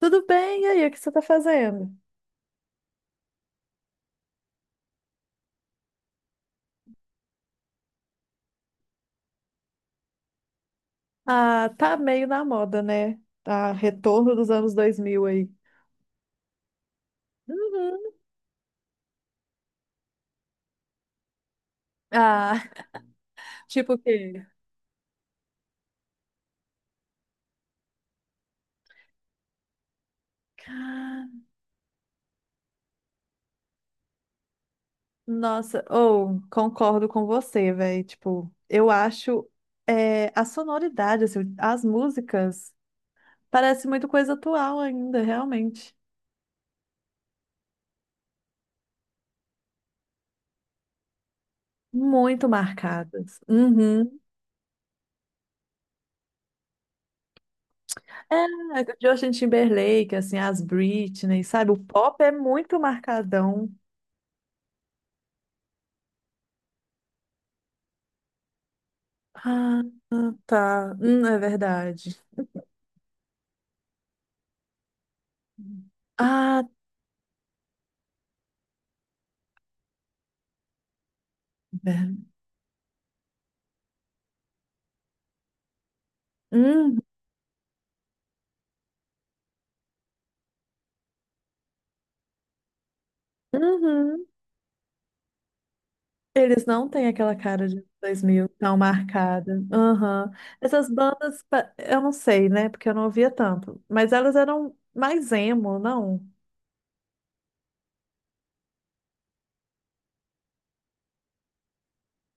Tudo bem? E aí, o que você tá fazendo? Ah, tá meio na moda, né? Tá retorno dos anos 2000 aí. Uhum. Ah, tipo o quê? Ah, Nossa, ou concordo com você, velho. Tipo, eu acho é, a sonoridade, assim, as músicas, parece muito coisa atual ainda, realmente. Muito marcadas. Uhum. É, Justin Timberlake, assim, as Britney, sabe? O pop é muito marcadão. Ah, tá. É verdade. Ah, é. Hum. Uhum. Eles não têm aquela cara de 2000 tão marcada. Aham. Essas bandas, eu não sei, né? Porque eu não ouvia tanto. Mas elas eram mais emo, não?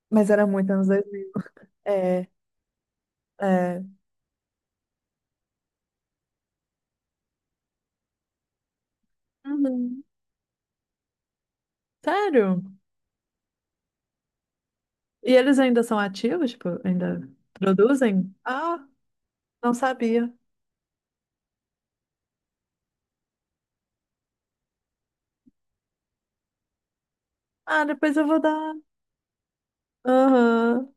Mas era muito anos 2000. É, é. Uhum. Sério? E eles ainda são ativos? Tipo, ainda produzem? Ah, não sabia. Ah, depois eu vou dar. Aham.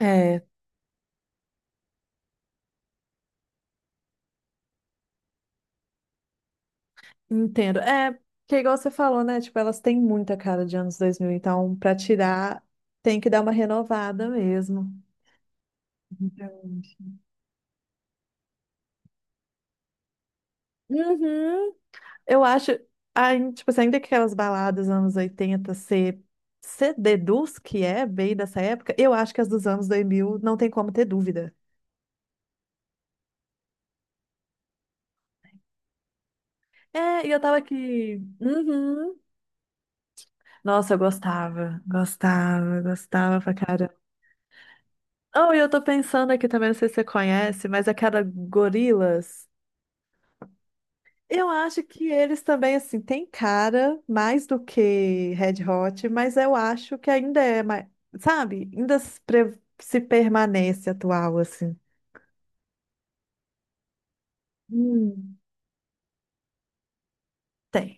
É. Entendo. É, que é igual você falou, né? Tipo, elas têm muita cara de anos 2000, então pra tirar tem que dar uma renovada mesmo. Verdade. Uhum. Eu acho, ai, tipo, assim, ainda que aquelas baladas anos 80 você deduz que é bem dessa época, eu acho que as dos anos 2000 não tem como ter dúvida. É, e eu tava aqui. Uhum. Nossa, eu gostava, gostava, gostava pra caramba. Oh, e eu tô pensando aqui também, não sei se você conhece, mas aquela gorilas. Eu acho que eles também, assim, têm cara mais do que Red Hot, mas eu acho que ainda é mais, sabe? Ainda se permanece atual, assim. Hum. Tem.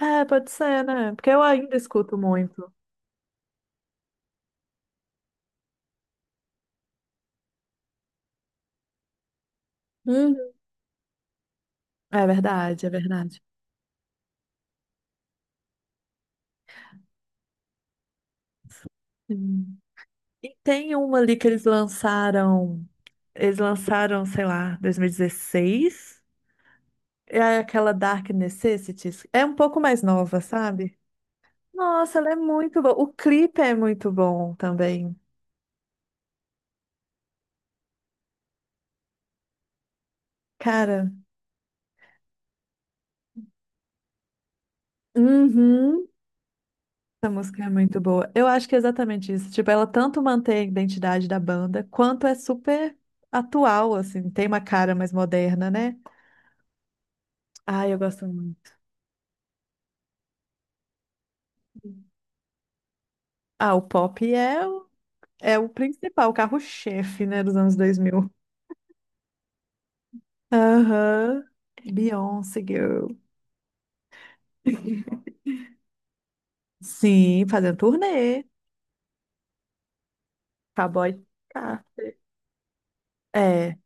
É, pode ser, né? Porque eu ainda escuto muito. Uhum. É verdade, é verdade. Sim. E tem uma ali que eles lançaram, sei lá, 2016. É aquela Dark Necessities. É um pouco mais nova, sabe? Nossa, ela é muito boa. O clipe é muito bom também. Cara, uhum. Essa música é muito boa. Eu acho que é exatamente isso. Tipo, ela tanto mantém a identidade da banda, quanto é super atual, assim, tem uma cara mais moderna, né? Ai, eu gosto muito. Ah, o pop é o principal, o carro-chefe, né, dos anos 2000. Aham. Beyoncé, girl. Sim, fazendo turnê. Cowboy Carter. É.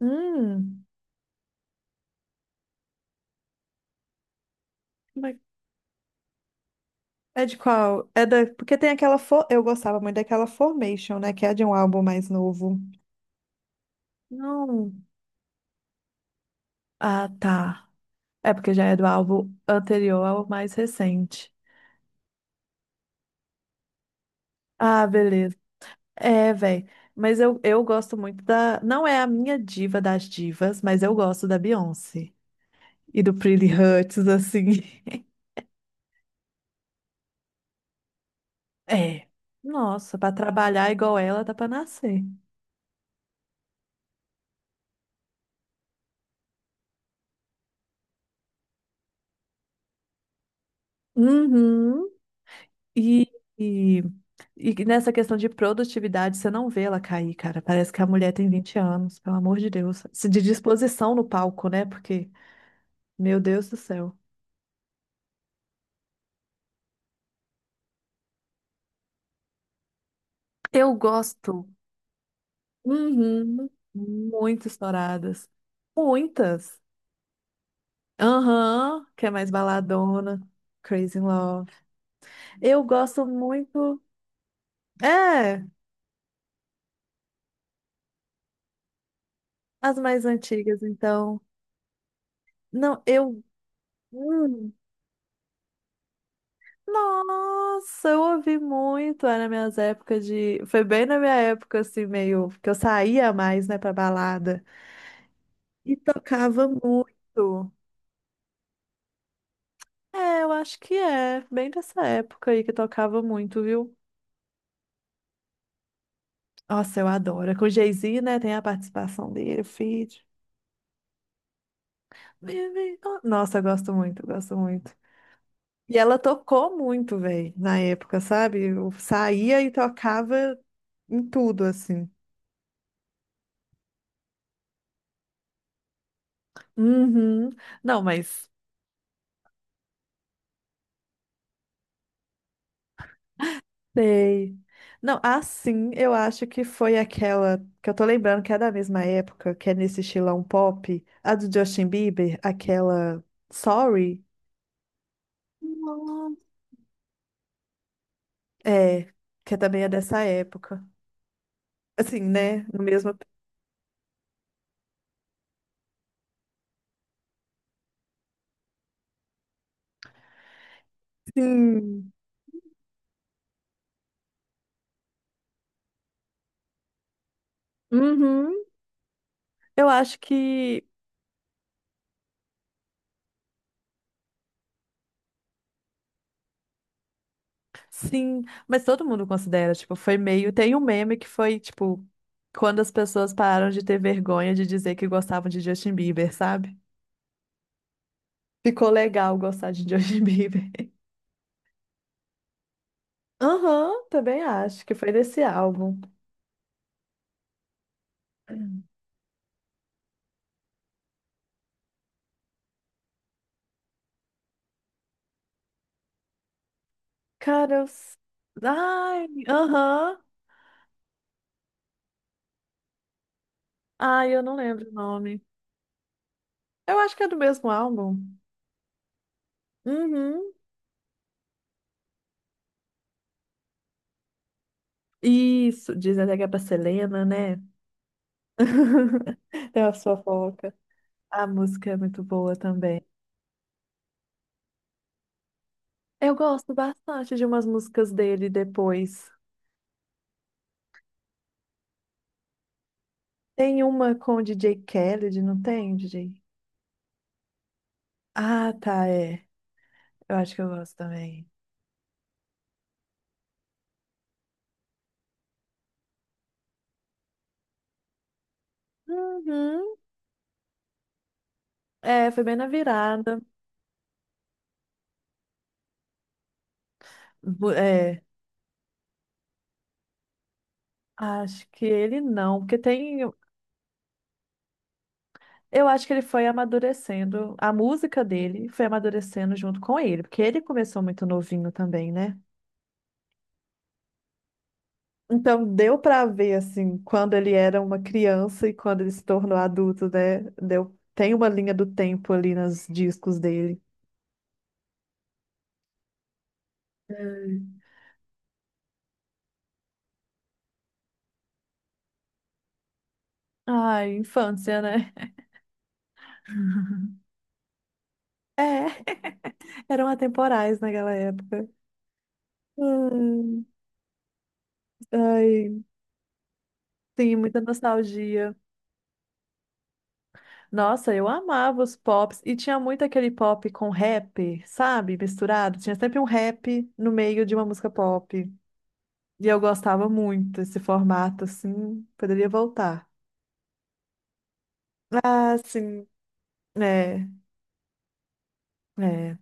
Hum. É de qual? Porque tem aquela. Eu gostava muito daquela Formation, né? Que é de um álbum mais novo. Não. Ah, tá. É porque já é do álbum anterior ao mais recente. Ah, beleza. É, velho. Mas eu gosto muito da. Não é a minha diva das divas, mas eu gosto da Beyoncé. E do Pretty Hurts, assim. É. Nossa, pra trabalhar igual ela, dá pra nascer. Uhum. E, e E nessa questão de produtividade, você não vê ela cair, cara. Parece que a mulher tem 20 anos, pelo amor de Deus. Se de disposição no palco, né? Porque, meu Deus do céu. Eu gosto. Uhum, muito estouradas. Muitas. Aham, que é mais baladona. Crazy in Love. Eu gosto muito. É, as mais antigas, então. Não, eu. hum, Nossa, eu ouvi muito, era minhas épocas de. Foi bem na minha época, assim, meio. Que eu saía mais, né, pra balada. E tocava muito. É, eu acho que é. Bem dessa época aí que tocava muito, viu? Nossa, eu adoro. É com o Jay-Z, né, tem a participação dele, o feat. Oh, Nossa, eu gosto muito, eu gosto muito. E ela tocou muito, velho, na época, sabe? Eu saía e tocava em tudo, assim. Uhum. Não, mas. Sei. Não, assim, eu acho que foi aquela que eu tô lembrando que é da mesma época, que é nesse estilão pop, a do Justin Bieber, aquela Sorry, Nossa. É, que é também é dessa época. Assim, né? No mesmo. Sim. Uhum. Eu acho que sim, mas todo mundo considera, tipo, foi meio. Tem um meme que foi, tipo, quando as pessoas pararam de ter vergonha de dizer que gostavam de Justin Bieber, sabe? Ficou legal gostar de Justin Bieber. Aham, também acho que foi desse álbum. Cara, Ai, aham. Ai, eu não lembro o nome. Eu acho que é do mesmo álbum. Uhum. Isso, dizem até que é pra Selena, né? Tem umas fofoca. A música é muito boa também. Eu gosto bastante de umas músicas dele depois. Tem uma com o D J Khaled, não tem, D J. Ah, tá, é. Eu acho que eu gosto também. Uhum. É, foi bem na virada. É, acho que ele não, porque tem. Eu acho que ele foi amadurecendo, a música dele foi amadurecendo junto com ele, porque ele começou muito novinho também, né? Então deu pra ver assim, quando ele era uma criança e quando ele se tornou adulto, né? Tem uma linha do tempo ali nos discos dele. Hum. Ai, infância, né? É, eram atemporais naquela época. Ai, ai. Sim, muita nostalgia. Nossa, eu amava os pops. E tinha muito aquele pop com rap, sabe? Misturado. Tinha sempre um rap no meio de uma música pop. E eu gostava muito desse formato, assim. Poderia voltar. Ah, sim. É, é.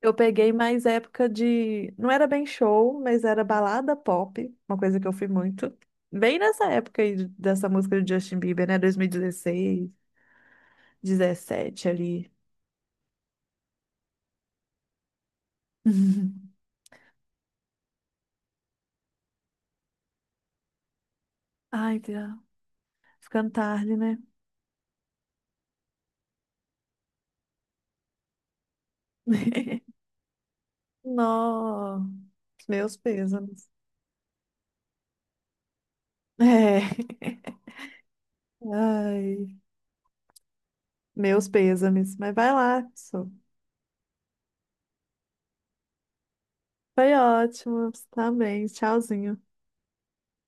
Eu peguei mais época de. Não era bem show, mas era balada pop, uma coisa que eu fui muito. Bem nessa época aí dessa música do Justin Bieber, né? 2016, 17 ali. Ai, Deus. Ficando tarde, né? Nó, meus pêsames. É. Ai, meus pêsames. Mas vai lá, pessoal. Foi ótimo. Você também. Tchauzinho.